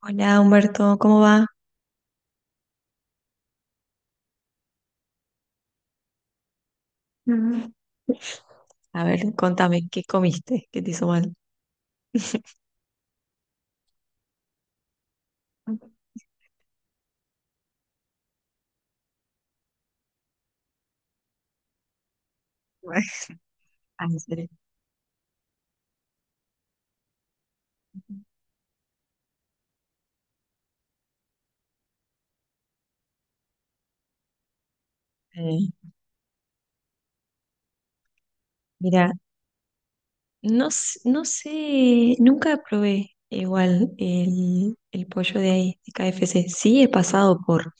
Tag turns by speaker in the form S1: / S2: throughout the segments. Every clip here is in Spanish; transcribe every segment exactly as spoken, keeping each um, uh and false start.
S1: Hola Humberto, ¿cómo va? Mm. A ver, contame, ¿qué comiste? ¿Qué te hizo mal? Ah, en serio. Eh, Mira, no, s- no sé, nunca probé igual el, el pollo de ahí, de K F C. Sí he pasado por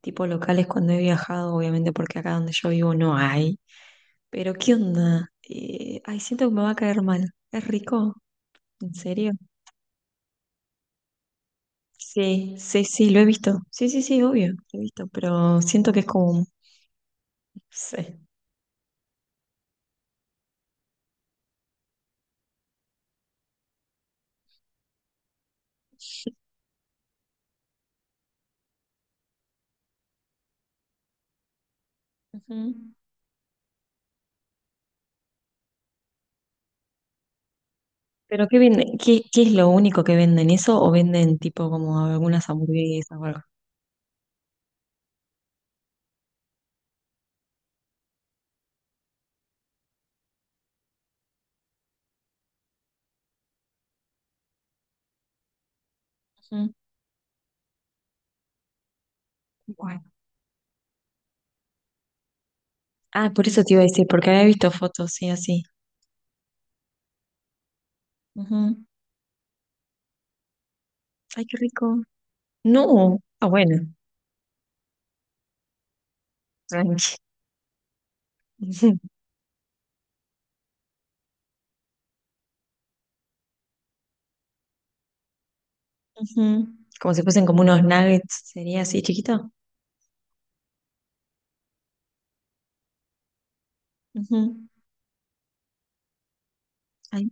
S1: tipo locales cuando he viajado, obviamente porque acá donde yo vivo no hay. Pero ¿qué onda? Eh, ay, siento que me va a caer mal. ¿Es rico? ¿En serio? Sí, sí, sí, lo he visto. Sí, sí, sí, obvio, lo he visto, pero siento que es como, un- no sé. Ujú. ¿Pero qué venden? ¿Qué, qué es lo único que venden? ¿Eso o venden tipo como algunas hamburguesas o algo? Ujú. Bueno. Ah, por eso te iba a decir, porque había visto fotos, sí, así. Ujú. Ay, qué rico. No. Ah, bueno. Tranqui. Ujú. Ujú. Como si fuesen como unos nuggets, sería así, chiquito. Ujú. Ay,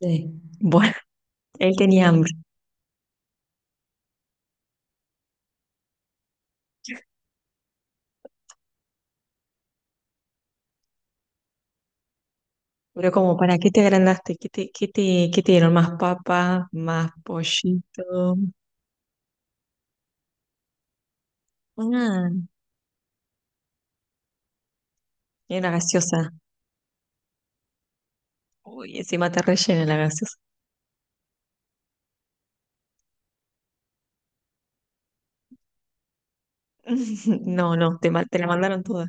S1: sí. Bueno, él tenía hambre. Pero como, ¿para qué te agrandaste? ¿Qué te, qué te, qué te dieron? ¿Más papa? ¿Más pollito? Ah, era gaseosa. Uy, encima te rellena la gaseosa. No, no, te, ma- te la mandaron toda.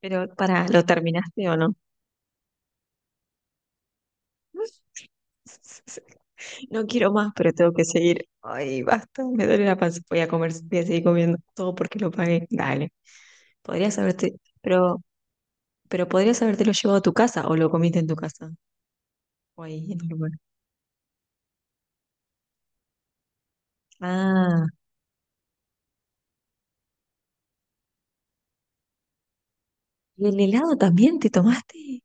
S1: Pero para, ¿lo terminaste o no? No quiero más, pero tengo que seguir. Ay, basta, me duele la panza. Voy a comer, voy a seguir comiendo todo porque lo pagué. Dale. Podrías haberte, pero, pero podrías habértelo llevado a tu casa o lo comiste en tu casa o ahí en el lugar. Ah, ¿y el helado también te tomaste?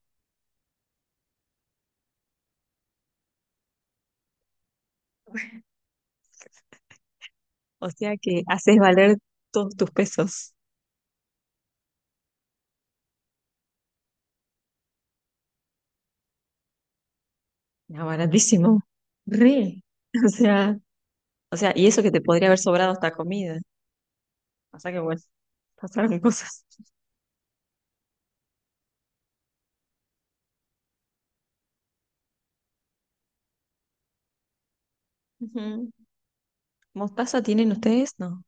S1: O sea que haces valer todos tus pesos. Ah, baratísimo. Re. O sea, O sea, y eso que te podría haber sobrado esta comida. O sea que bueno, pasaron cosas. Ujú. ¿Mostaza tienen ustedes? No.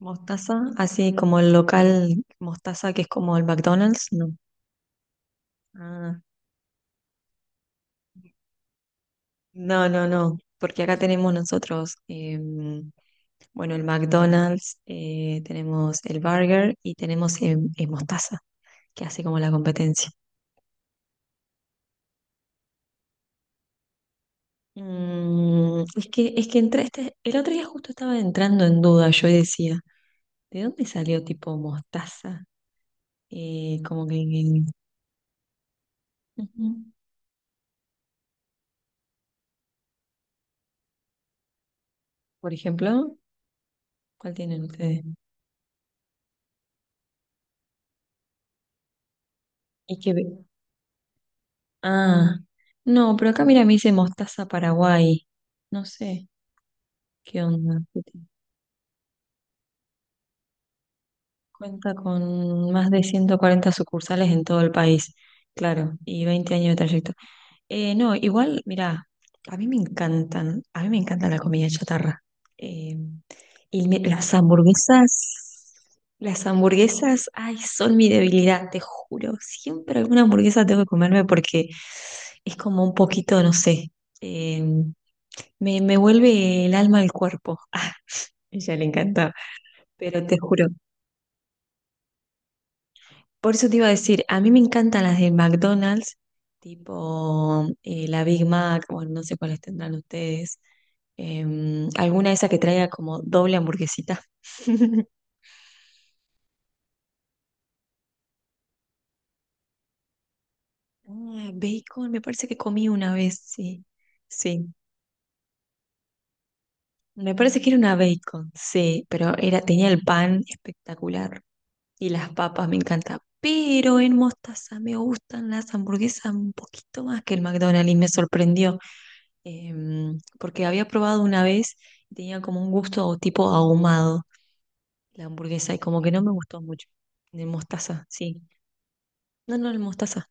S1: ¿Mostaza? Así como el local mostaza que es como el McDonald's, no. Ah, no, no, no. Porque acá tenemos nosotros, em, bueno, el McDonald's, eh, tenemos el burger y tenemos em, eh, mostaza, que hace como la competencia. Mm, es que, es que entré, este- el otro día justo estaba entrando en duda, yo y decía, ¿de dónde salió tipo mostaza? Eh, como que, Ujú. Por ejemplo, ¿cuál tienen ustedes? Y que, ve- ah, no, pero acá mira, me dice mostaza Paraguay. No sé qué onda. Cuenta con más de ciento cuarenta sucursales en todo el país, claro, y veinte años de trayecto. Eh, no, igual, mira, a mí me encantan, a mí me encanta la comida chatarra. Eh, y me- las hamburguesas, las hamburguesas, ay, son mi debilidad, te juro. Siempre alguna hamburguesa tengo que comerme porque es como un poquito, no sé, eh, me, me vuelve el alma al cuerpo. Ah, ella le encanta, pero te juro. Por eso te iba a decir, a mí me encantan las de McDonald's, tipo eh, la Big Mac, o no sé cuáles tendrán ustedes. Em, alguna de esas que traiga como doble hamburguesita. Ah, bacon, me parece que comí una vez, sí. Sí, me parece que era una bacon, sí, pero era, tenía el pan espectacular y las papas me encantan. Pero en Mostaza me gustan las hamburguesas un poquito más que el McDonald's y me sorprendió. Em, porque había probado una vez y tenía como un gusto tipo ahumado la hamburguesa y como que no me gustó mucho. De mostaza, sí. No, no, el mostaza.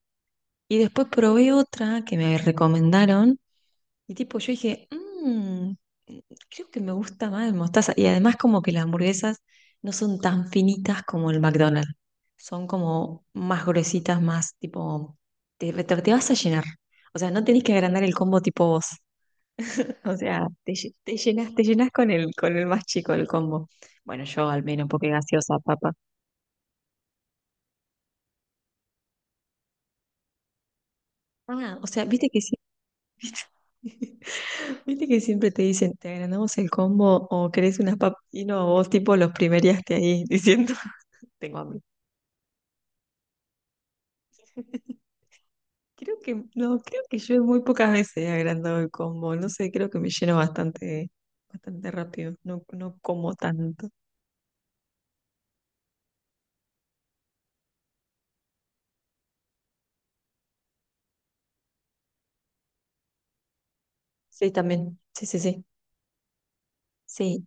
S1: Y después probé otra que me recomendaron y tipo yo dije, mmm, creo que me gusta más el mostaza. Y además como que las hamburguesas no son tan finitas como el McDonald's. Son como más gruesitas, más tipo, te, te- te vas a llenar. O sea, no tenés que agrandar el combo tipo vos. O sea, te, lle- te llenas, te llenas con el, con el más chico del combo. Bueno, yo al menos, porque gaseosa, papa. Ah, o sea, viste que sí. Viste que siempre te dicen, te agrandamos el combo o querés unas papas. Y no, vos tipo los primeriaste ahí diciendo, tengo hambre. Creo que, no, creo que yo muy pocas veces he agrandado el combo. No sé, creo que me lleno bastante, bastante rápido. No, no como tanto. Sí, también. Sí, sí, sí. Sí,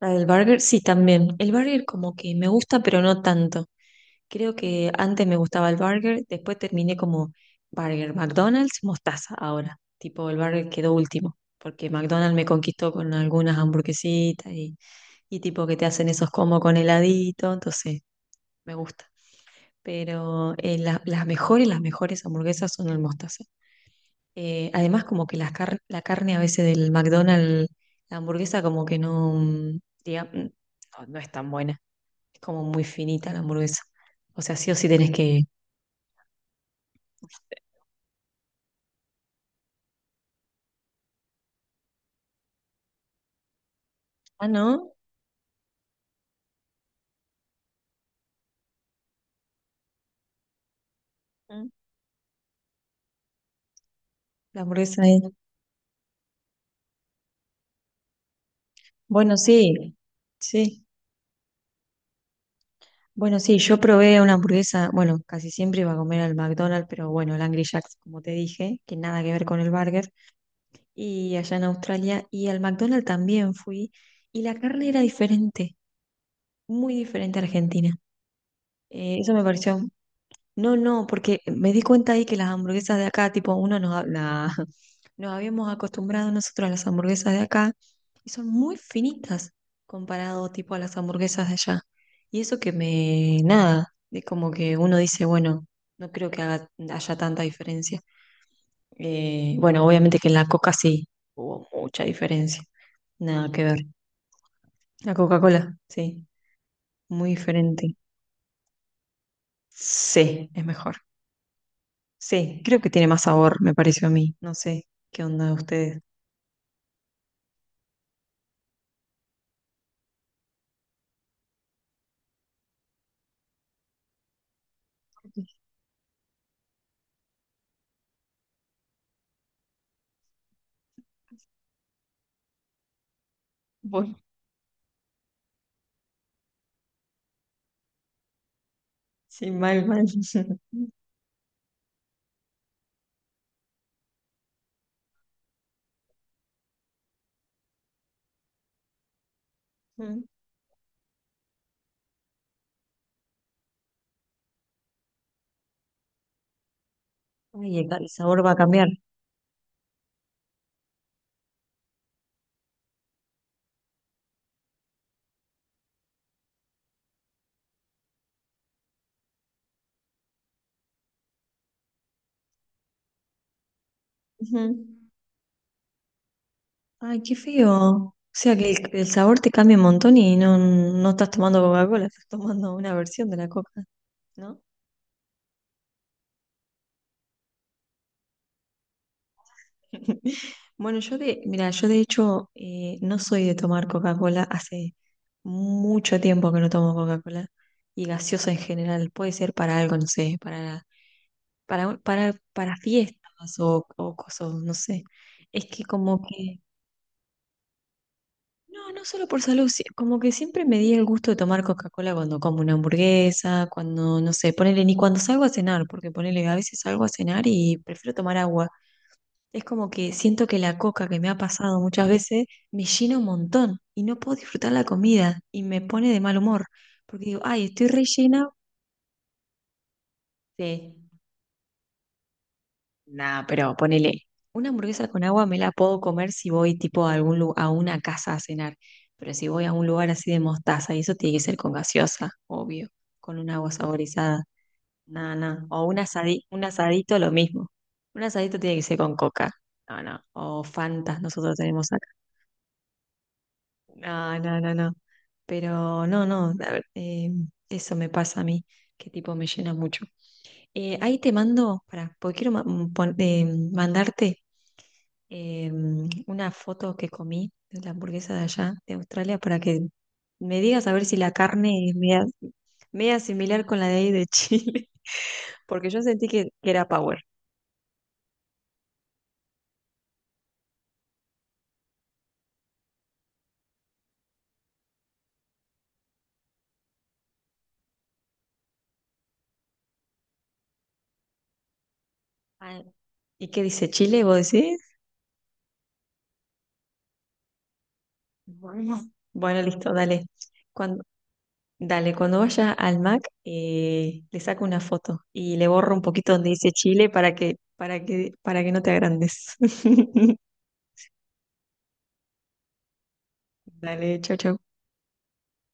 S1: la del burger, sí, también. El burger como que me gusta, pero no tanto. Creo que antes me gustaba el burger, después terminé como burger, McDonald's, mostaza ahora. Tipo, el burger quedó último, porque McDonald's me conquistó con algunas hamburguesitas y, y tipo que te hacen esos como con heladito, entonces me gusta. Pero eh, la- las mejores, las mejores hamburguesas son el mostaza. Eh, además, como que las car- la carne a veces del McDonald's, la hamburguesa como que no, mm, diga- mm, no no es tan buena como muy finita la hamburguesa. O sea, sí o sí tenés que. Ah, ¿no? Mm, La hamburguesa es. Bueno, sí, sí. Bueno, sí, yo probé una hamburguesa. Bueno, casi siempre iba a comer al McDonald's, pero bueno, el Angry Jack's, como te dije, que nada que ver con el burger. Y allá en Australia. Y al McDonald's también fui. Y la carne era diferente, muy diferente a Argentina. Eh, eso me pareció. No, no, porque me di cuenta ahí que las hamburguesas de acá, tipo, uno nos habla nos habíamos acostumbrado nosotros a las hamburguesas de acá y son muy finitas comparado tipo a las hamburguesas de allá. Y eso que me, nada, de como que uno dice, bueno, no creo que haga- haya tanta diferencia. Eh, bueno, obviamente que en la Coca sí hubo mucha diferencia. Nada que ver. La Coca-Cola, sí, muy diferente. Sí, es mejor. Sí, creo que tiene más sabor, me pareció a mí. No sé qué onda de ustedes. Bueno, sí, mal, mal. Ay, el, el sabor va a cambiar. Ujú. Ay, qué feo. O sea que el, el sabor te cambia un montón y no, no estás tomando Coca-Cola, estás tomando una versión de la Coca, ¿no? Bueno, yo de, mira, yo de hecho eh, no soy de tomar Coca-Cola, hace mucho tiempo que no tomo Coca-Cola y gaseosa en general, puede ser para algo, no sé, para, para, para, para fiestas o, o cosas, no sé. Es que como que No, no solo por salud, sí, como que siempre me di el gusto de tomar Coca-Cola cuando como una hamburguesa, cuando, no sé, ponele, ni cuando salgo a cenar, porque ponele, a veces salgo a cenar y prefiero tomar agua. Es como que siento que la coca que me ha pasado muchas veces me llena un montón y no puedo disfrutar la comida y me pone de mal humor, porque digo, ay, estoy rellena. Sí. Nada, pero ponele, una hamburguesa con agua me la puedo comer si voy tipo a algún lu- a una casa a cenar, pero si voy a un lugar así de mostaza, y eso tiene que ser con gaseosa, obvio, con un agua saborizada, nada, nada, o un asadi- un asadito lo mismo, un asadito tiene que ser con coca, no, no, o Fantas nosotros tenemos acá, no, no, no, no, pero no, no, a ver, eh, eso me pasa a mí, que tipo me llena mucho. Eh, ahí te mando, para, porque quiero ma- mm, pon- eh, mandarte em, una foto que comí de la hamburguesa de allá, de Australia, para que me digas a ver si la carne es media, media similar con la de ahí de Chile, porque yo sentí que, que era Power. Ah, ¿y qué dice Chile? ¿Vos decís? Bueno. Bueno, listo, dale. Cuando, dale, cuando vaya al Mac, eh, le saco una foto y le borro un poquito donde dice Chile para que, para que, para que no te agrandes. Dale, chau, chau.